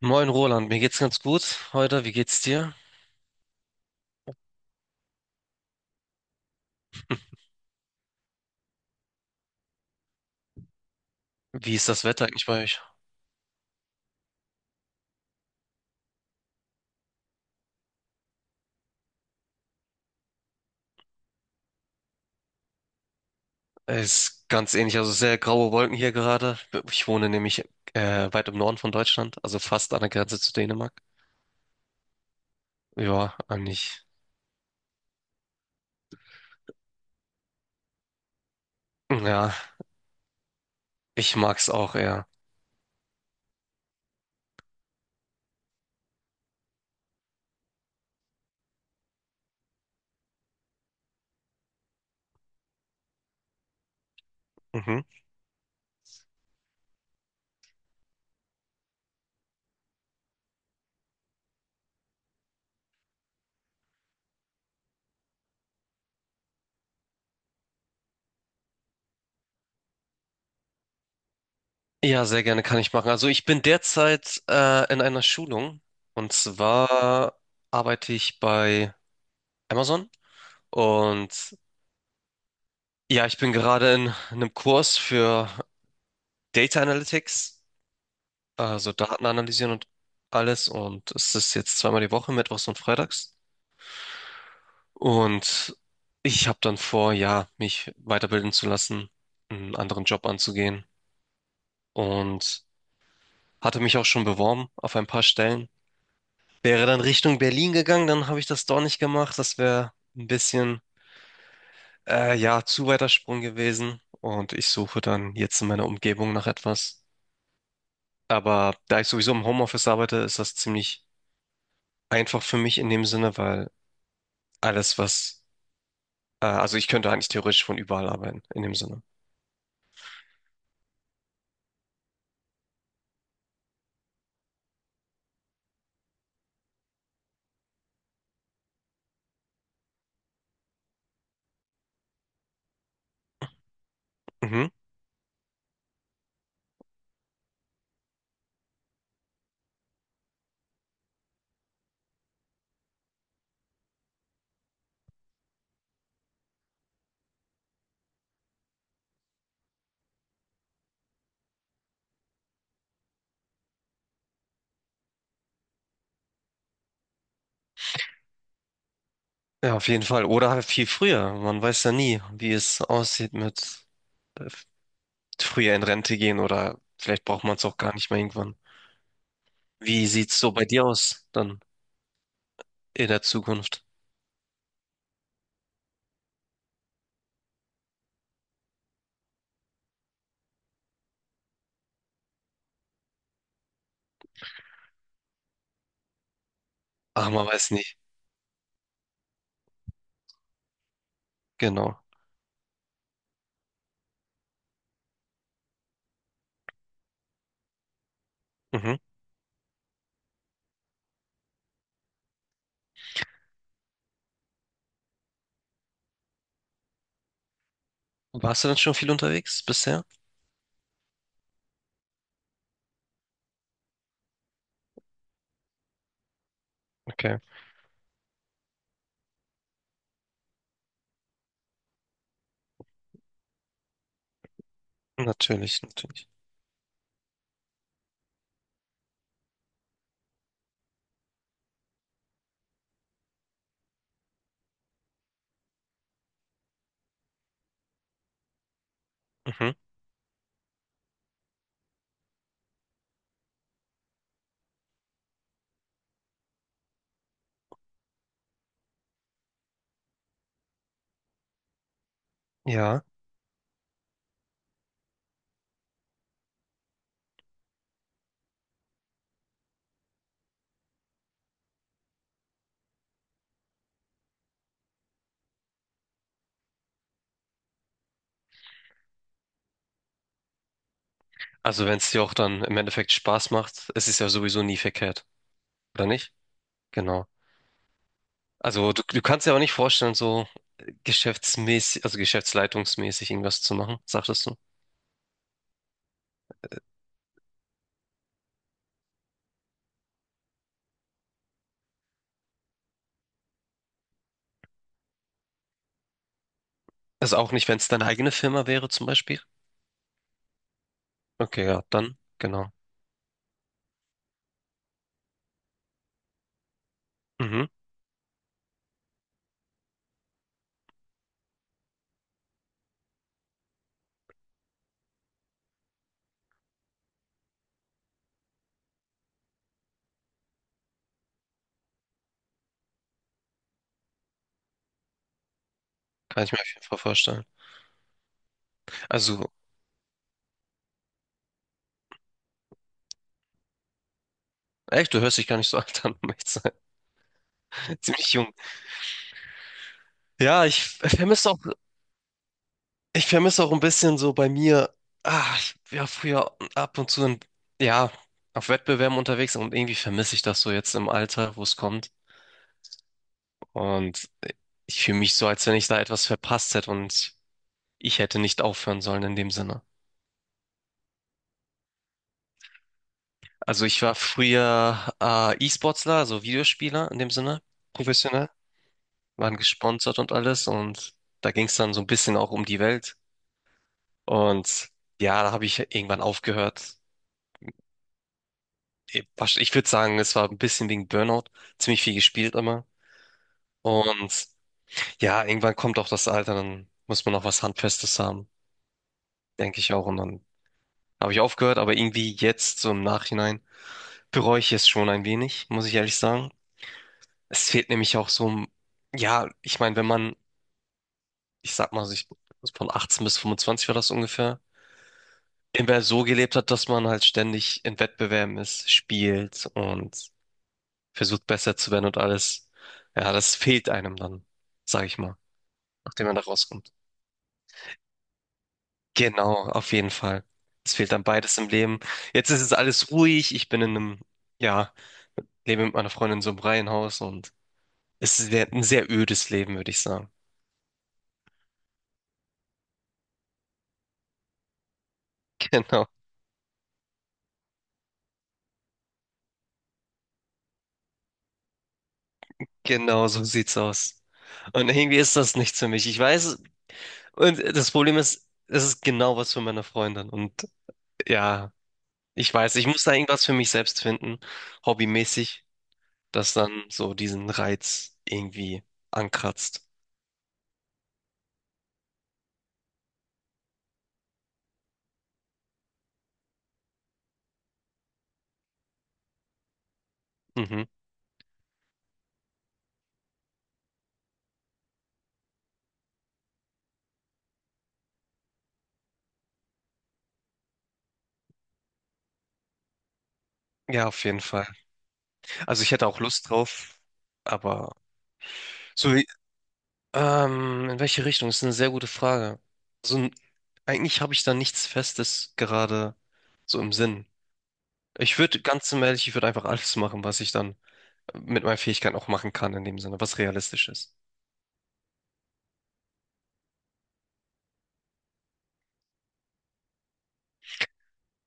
Moin Roland, mir geht's ganz gut heute. Wie geht's dir? Wie ist das Wetter eigentlich bei euch? Es ist ganz ähnlich, also sehr graue Wolken hier gerade. Ich wohne nämlich weit im Norden von Deutschland, also fast an der Grenze zu Dänemark. Ja, eigentlich. Ja, ich mag's auch eher. Mhm. Ja, sehr gerne kann ich machen. Also ich bin derzeit in einer Schulung, und zwar arbeite ich bei Amazon. Und ja, ich bin gerade in einem Kurs für Data Analytics, also Daten analysieren und alles. Und es ist jetzt zweimal die Woche, mittwochs und freitags. Und ich habe dann vor, ja, mich weiterbilden zu lassen, einen anderen Job anzugehen, und hatte mich auch schon beworben auf ein paar Stellen. Wäre dann Richtung Berlin gegangen, dann habe ich das doch nicht gemacht. Das wäre ein bisschen, ja, zu weiter Sprung gewesen. Und ich suche dann jetzt in meiner Umgebung nach etwas. Aber da ich sowieso im Homeoffice arbeite, ist das ziemlich einfach für mich in dem Sinne, weil alles, was also ich könnte eigentlich theoretisch von überall arbeiten, in dem Sinne. Mhm. Ja, auf jeden Fall. Oder halt viel früher. Man weiß ja nie, wie es aussieht mit äh, früher in Rente gehen, oder vielleicht braucht man es auch gar nicht mehr irgendwann. Wie sieht's so bei dir aus dann in der Zukunft? Ach, man weiß nicht. Genau. Mhm. Warst du denn schon viel unterwegs bisher? Okay. Natürlich, natürlich. Mhm. Ja. Also wenn es dir auch dann im Endeffekt Spaß macht, es ist ja sowieso nie verkehrt, oder nicht? Genau. Also du kannst dir aber nicht vorstellen, so geschäftsmäßig, also geschäftsleitungsmäßig irgendwas zu machen, sagtest du? Also auch nicht, wenn es deine eigene Firma wäre zum Beispiel? Okay, ja, dann, genau. Mhm, kann ich mir auf jeden Fall vorstellen. Also, echt, du hörst dich gar nicht so alt an, um echt zu sein. Ziemlich jung. Ja, ich vermisse auch, ich vermisse auch ein bisschen so bei mir, ah, ich war früher ab und zu in, ja, auf Wettbewerben unterwegs, und irgendwie vermisse ich das so jetzt im Alter, wo es kommt. Und ich fühle mich so, als wenn ich da etwas verpasst hätte und ich hätte nicht aufhören sollen in dem Sinne. Also ich war früher E-Sportler, also Videospieler in dem Sinne, professionell, waren gesponsert und alles, und da ging es dann so ein bisschen auch um die Welt, und ja, da habe ich irgendwann aufgehört. Ich würde sagen, es war ein bisschen wegen Burnout, ziemlich viel gespielt immer, und ja, irgendwann kommt auch das Alter, dann muss man auch was Handfestes haben, denke ich auch, und dann habe ich aufgehört, aber irgendwie jetzt so im Nachhinein bereue ich es schon ein wenig, muss ich ehrlich sagen. Es fehlt nämlich auch so, ein- ja, ich meine, wenn man, ich sag mal, sich von 18 bis 25 war das ungefähr, immer so gelebt hat, dass man halt ständig in Wettbewerben ist, spielt und versucht besser zu werden und alles. Ja, das fehlt einem dann, sag ich mal, nachdem man da rauskommt. Genau, auf jeden Fall. Es fehlt dann beides im Leben. Jetzt ist es alles ruhig. Ich bin in einem, ja, lebe mit meiner Freundin in so einem Reihenhaus, und es ist sehr- ein sehr ödes Leben, würde ich sagen. Genau, genau so sieht's aus. Und irgendwie ist das nichts für mich. Ich weiß. Und das Problem ist, es ist genau was für meine Freundin. Und ja, ich weiß, ich muss da irgendwas für mich selbst finden, hobbymäßig, das dann so diesen Reiz irgendwie ankratzt. Mhm. Ja, auf jeden Fall. Also ich hätte auch Lust drauf, aber so, in welche Richtung? Das ist eine sehr gute Frage. So, ein- eigentlich habe ich da nichts Festes gerade so im Sinn. Ich würde, ganz zum ehrlich, ich würde einfach alles machen, was ich dann mit meinen Fähigkeiten auch machen kann in dem Sinne, was realistisch ist.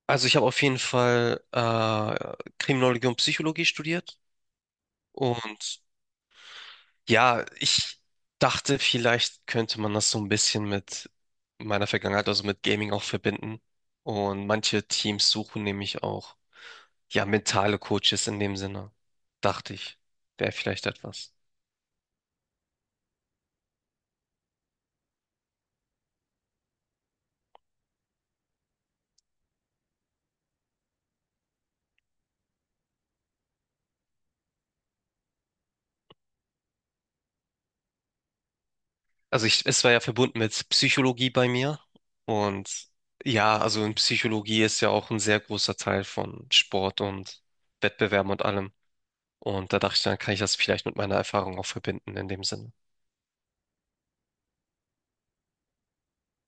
Also ich habe auf jeden Fall Kriminologie und Psychologie studiert, und ja, ich dachte, vielleicht könnte man das so ein bisschen mit meiner Vergangenheit, also mit Gaming auch verbinden. Und manche Teams suchen nämlich auch ja mentale Coaches in dem Sinne, dachte ich, wäre vielleicht etwas. Also ich, es war ja verbunden mit Psychologie bei mir, und ja, also in Psychologie ist ja auch ein sehr großer Teil von Sport und Wettbewerben und allem. Und da dachte ich, dann kann ich das vielleicht mit meiner Erfahrung auch verbinden in dem Sinne.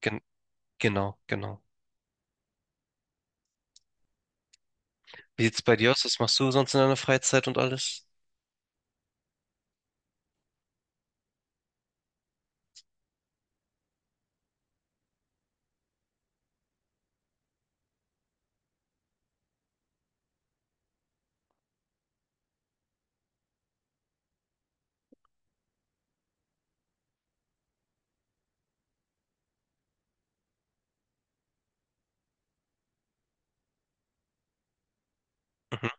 Gen genau, genau. Wie sieht's bei dir aus? Was machst du sonst in deiner Freizeit und alles? Mhm.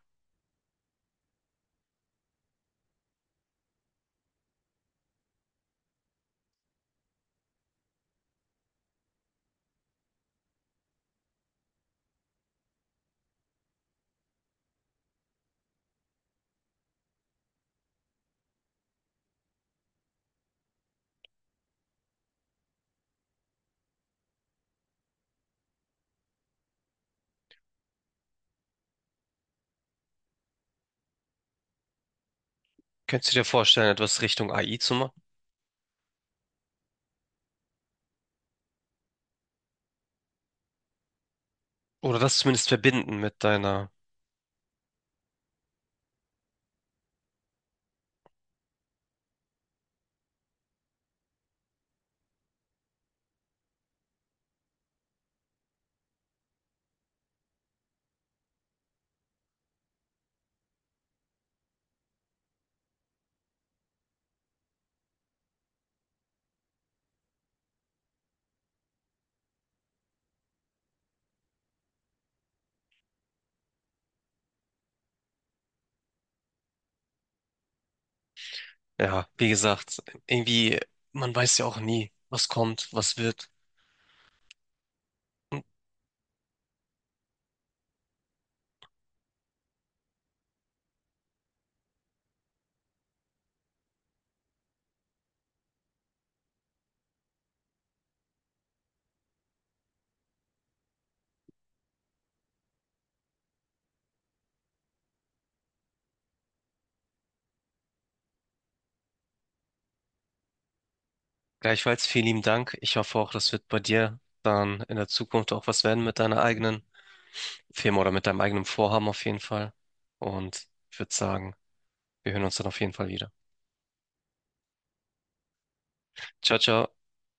Könntest du dir vorstellen, etwas Richtung AI zu machen? Oder das zumindest verbinden mit deiner, ja, wie gesagt, irgendwie, man weiß ja auch nie, was kommt, was wird. Und gleichfalls vielen lieben Dank. Ich hoffe auch, das wird bei dir dann in der Zukunft auch was werden mit deiner eigenen Firma oder mit deinem eigenen Vorhaben auf jeden Fall. Und ich würde sagen, wir hören uns dann auf jeden Fall wieder. Ciao, ciao.